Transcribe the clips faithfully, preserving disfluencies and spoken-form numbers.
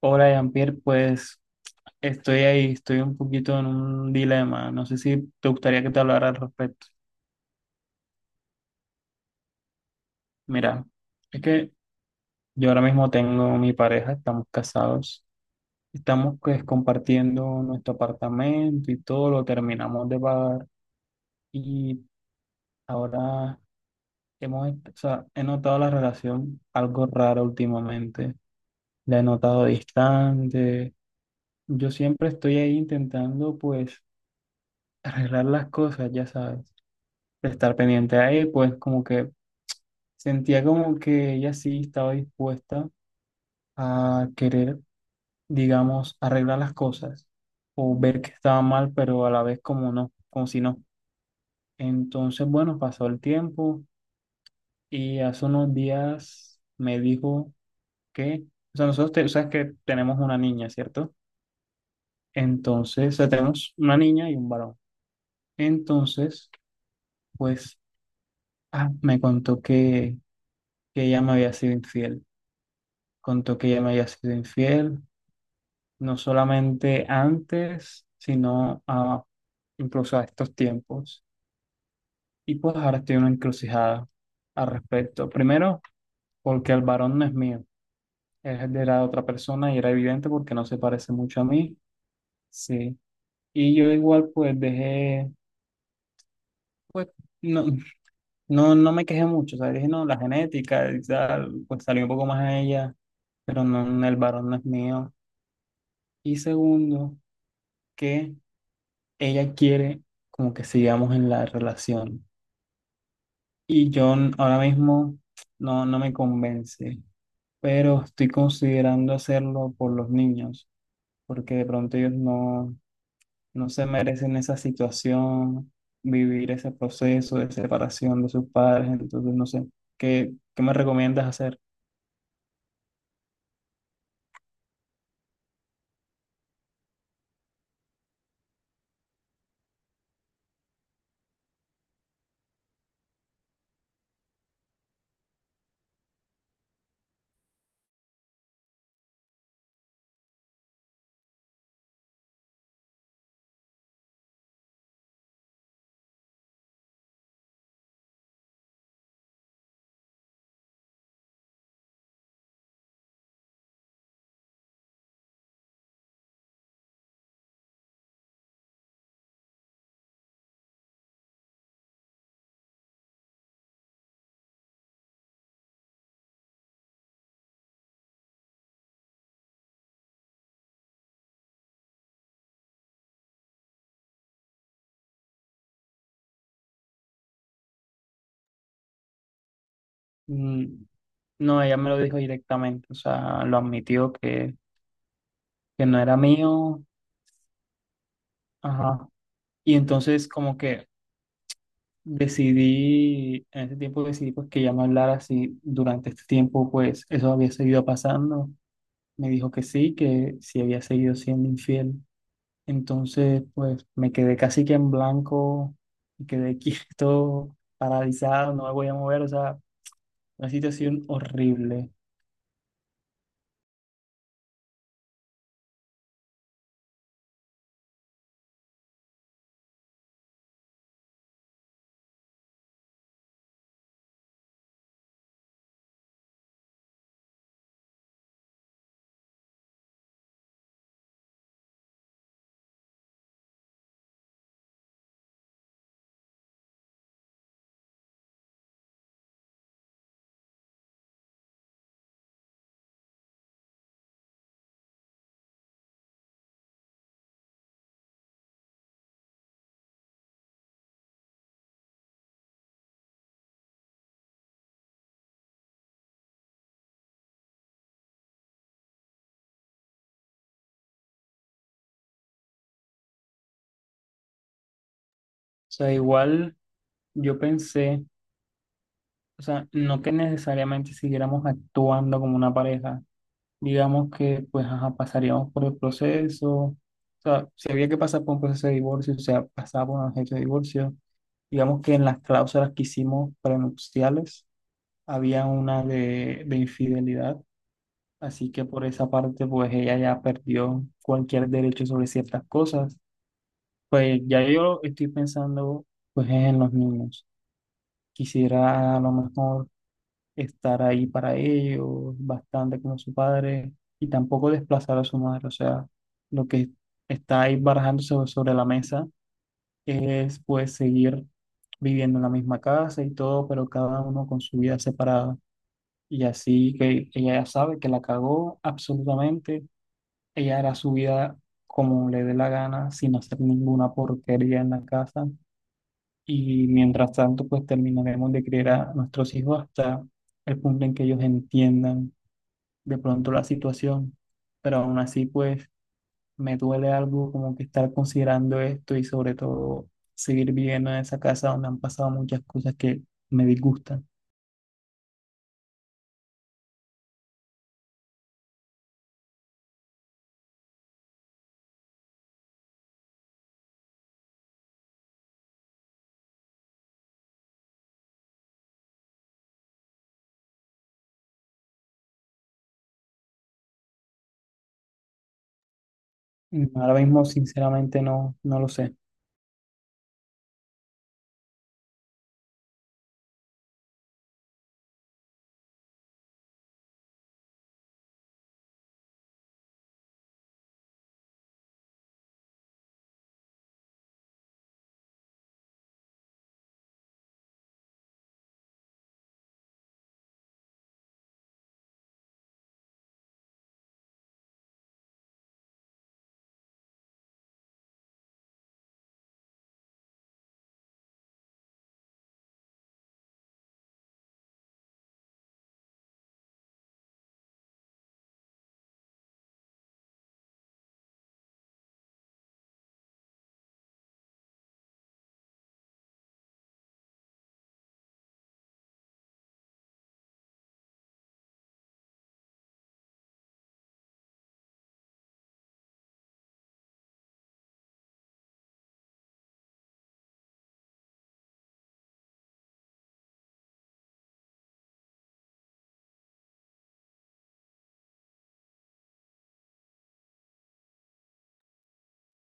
Hola, Jean-Pierre, pues estoy ahí, estoy un poquito en un dilema. No sé si te gustaría que te hablara al respecto. Mira, es que yo ahora mismo tengo mi pareja, estamos casados, estamos pues compartiendo nuestro apartamento y todo lo terminamos de pagar y ahora hemos, o sea, he notado la relación algo rara últimamente. La he notado distante. Yo siempre estoy ahí intentando pues arreglar las cosas, ya sabes de estar pendiente a él, pues como que sentía como que ella sí estaba dispuesta a querer, digamos, arreglar las cosas o ver que estaba mal, pero a la vez como no, como si no. Entonces, bueno, pasó el tiempo y hace unos días me dijo que, o sea, nosotros, te- sabes que tenemos una niña, ¿cierto? Entonces, o sea, tenemos una niña y un varón. Entonces, pues, ah, me contó que, que ella me había sido infiel. Contó que ella me había sido infiel, no solamente antes, sino a- incluso a estos tiempos. Y pues ahora estoy en una encrucijada al respecto. Primero, porque el varón no es mío, es de la otra persona y era evidente porque no se parece mucho a mí. Sí. Y yo igual pues dejé, pues no, no, no me quejé mucho, o sea, dije no, la genética y tal, pues salió un poco más a ella, pero no, el varón no es mío. Y segundo, que ella quiere como que sigamos en la relación. Y yo n- ahora mismo no, no me convence, pero estoy considerando hacerlo por los niños, porque de pronto ellos no, no se merecen esa situación, vivir ese proceso de separación de sus padres. Entonces, no sé, ¿qué, ¿qué me recomiendas hacer? Mm. No, ella me lo dijo directamente, o sea, lo admitió que, que no era mío. Ajá. Y entonces como que decidí, en ese tiempo decidí pues que ya me hablara si durante este tiempo pues eso había seguido pasando. Me dijo que sí, que sí había seguido siendo infiel. Entonces pues me quedé casi que en blanco, me quedé quieto, paralizado, no me voy a mover, o sea, una situación horrible. O sea, igual yo pensé, o sea, no que necesariamente siguiéramos actuando como una pareja, digamos que pues ajá, pasaríamos por el proceso, o sea, si había que pasar por un proceso de divorcio, o sea, pasaba por un proceso de divorcio, digamos que en las cláusulas que hicimos prenupciales había una de, de infidelidad, así que por esa parte pues ella ya perdió cualquier derecho sobre ciertas cosas, pues ya yo estoy pensando pues en los niños, quisiera a lo mejor estar ahí para ellos, bastante como su padre, y tampoco desplazar a su madre. O sea, lo que está ahí barajándose sobre sobre la mesa es pues seguir viviendo en la misma casa y todo, pero cada uno con su vida separada. Y así que ella ya sabe que la cagó absolutamente, ella hará su vida como le dé la gana, sin hacer ninguna porquería en la casa. Y mientras tanto, pues terminaremos de criar a nuestros hijos hasta el punto en que ellos entiendan de pronto la situación, pero aún así pues me duele algo como que estar considerando esto y sobre todo seguir viviendo en esa casa donde han pasado muchas cosas que me disgustan. Y ahora mismo sinceramente no, no lo sé,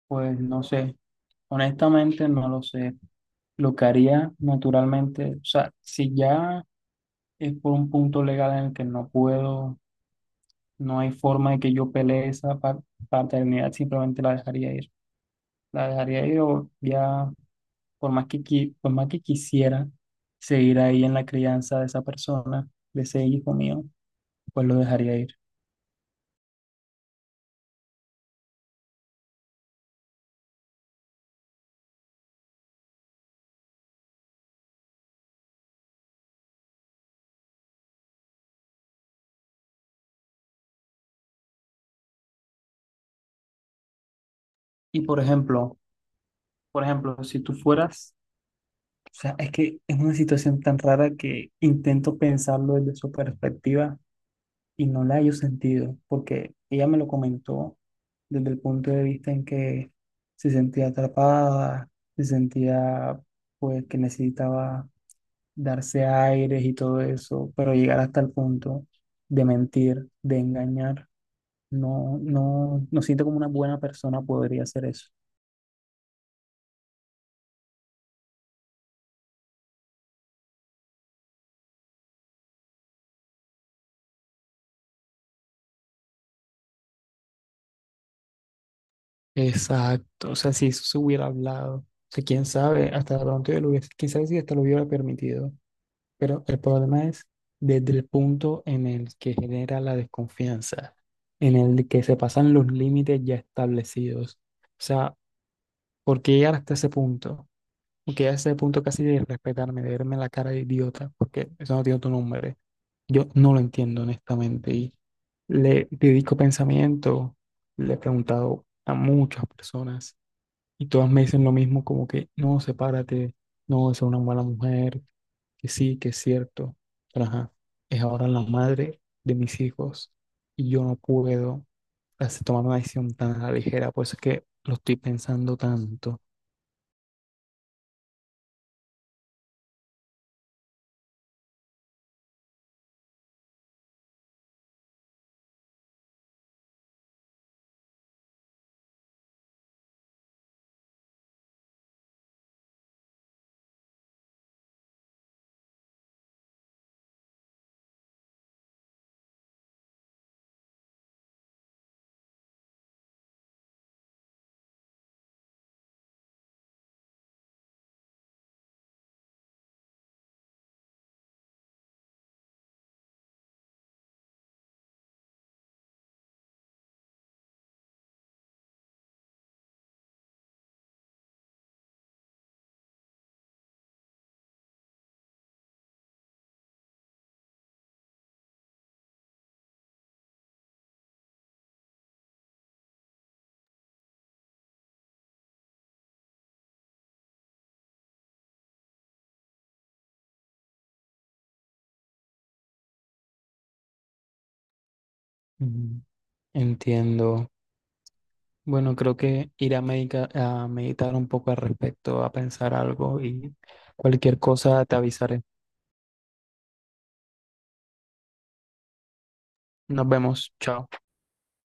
pues no sé, honestamente no lo sé. Lo que haría naturalmente, o sea, si ya es por un punto legal en el que no puedo, no hay forma de que yo pelee esa pa- paternidad, simplemente la dejaría ir. La dejaría ir o ya por más que, qui- por más que quisiera seguir ahí en la crianza de esa persona, de ese hijo mío, pues lo dejaría ir. Y por ejemplo, por ejemplo, si tú fueras, o sea, es que es una situación tan rara que intento pensarlo desde su perspectiva y no la hallo sentido, porque ella me lo comentó desde el punto de vista en que se sentía atrapada, se sentía pues que necesitaba darse aires y todo eso, pero llegar hasta el punto de mentir, de engañar, no, no, no siento como una buena persona podría hacer eso. Exacto, o sea, si eso se hubiera hablado, o sea, quién sabe, hasta de pronto yo lo hubiese, quién sabe si hasta lo hubiera permitido, pero el problema es desde el punto en el que genera la desconfianza, en el que se pasan los límites ya establecidos, o sea, ¿por qué llegar hasta ese punto? Porque ya ese punto casi de respetarme, de verme la cara de idiota, porque eso no tiene otro nombre. Yo no lo entiendo, honestamente. Y le dedico pensamiento, le he preguntado a muchas personas y todas me dicen lo mismo, como que no, sepárate, no, es una mala mujer, que sí, que es cierto. Pero ajá, es ahora la madre de mis hijos y yo no puedo hacer- tomar una decisión tan a la ligera, por eso es que lo estoy pensando tanto. Ujú. Entiendo. Bueno, creo que ir a, medica- a meditar un poco al respecto, a pensar algo y cualquier cosa te avisaré. Nos vemos, chao.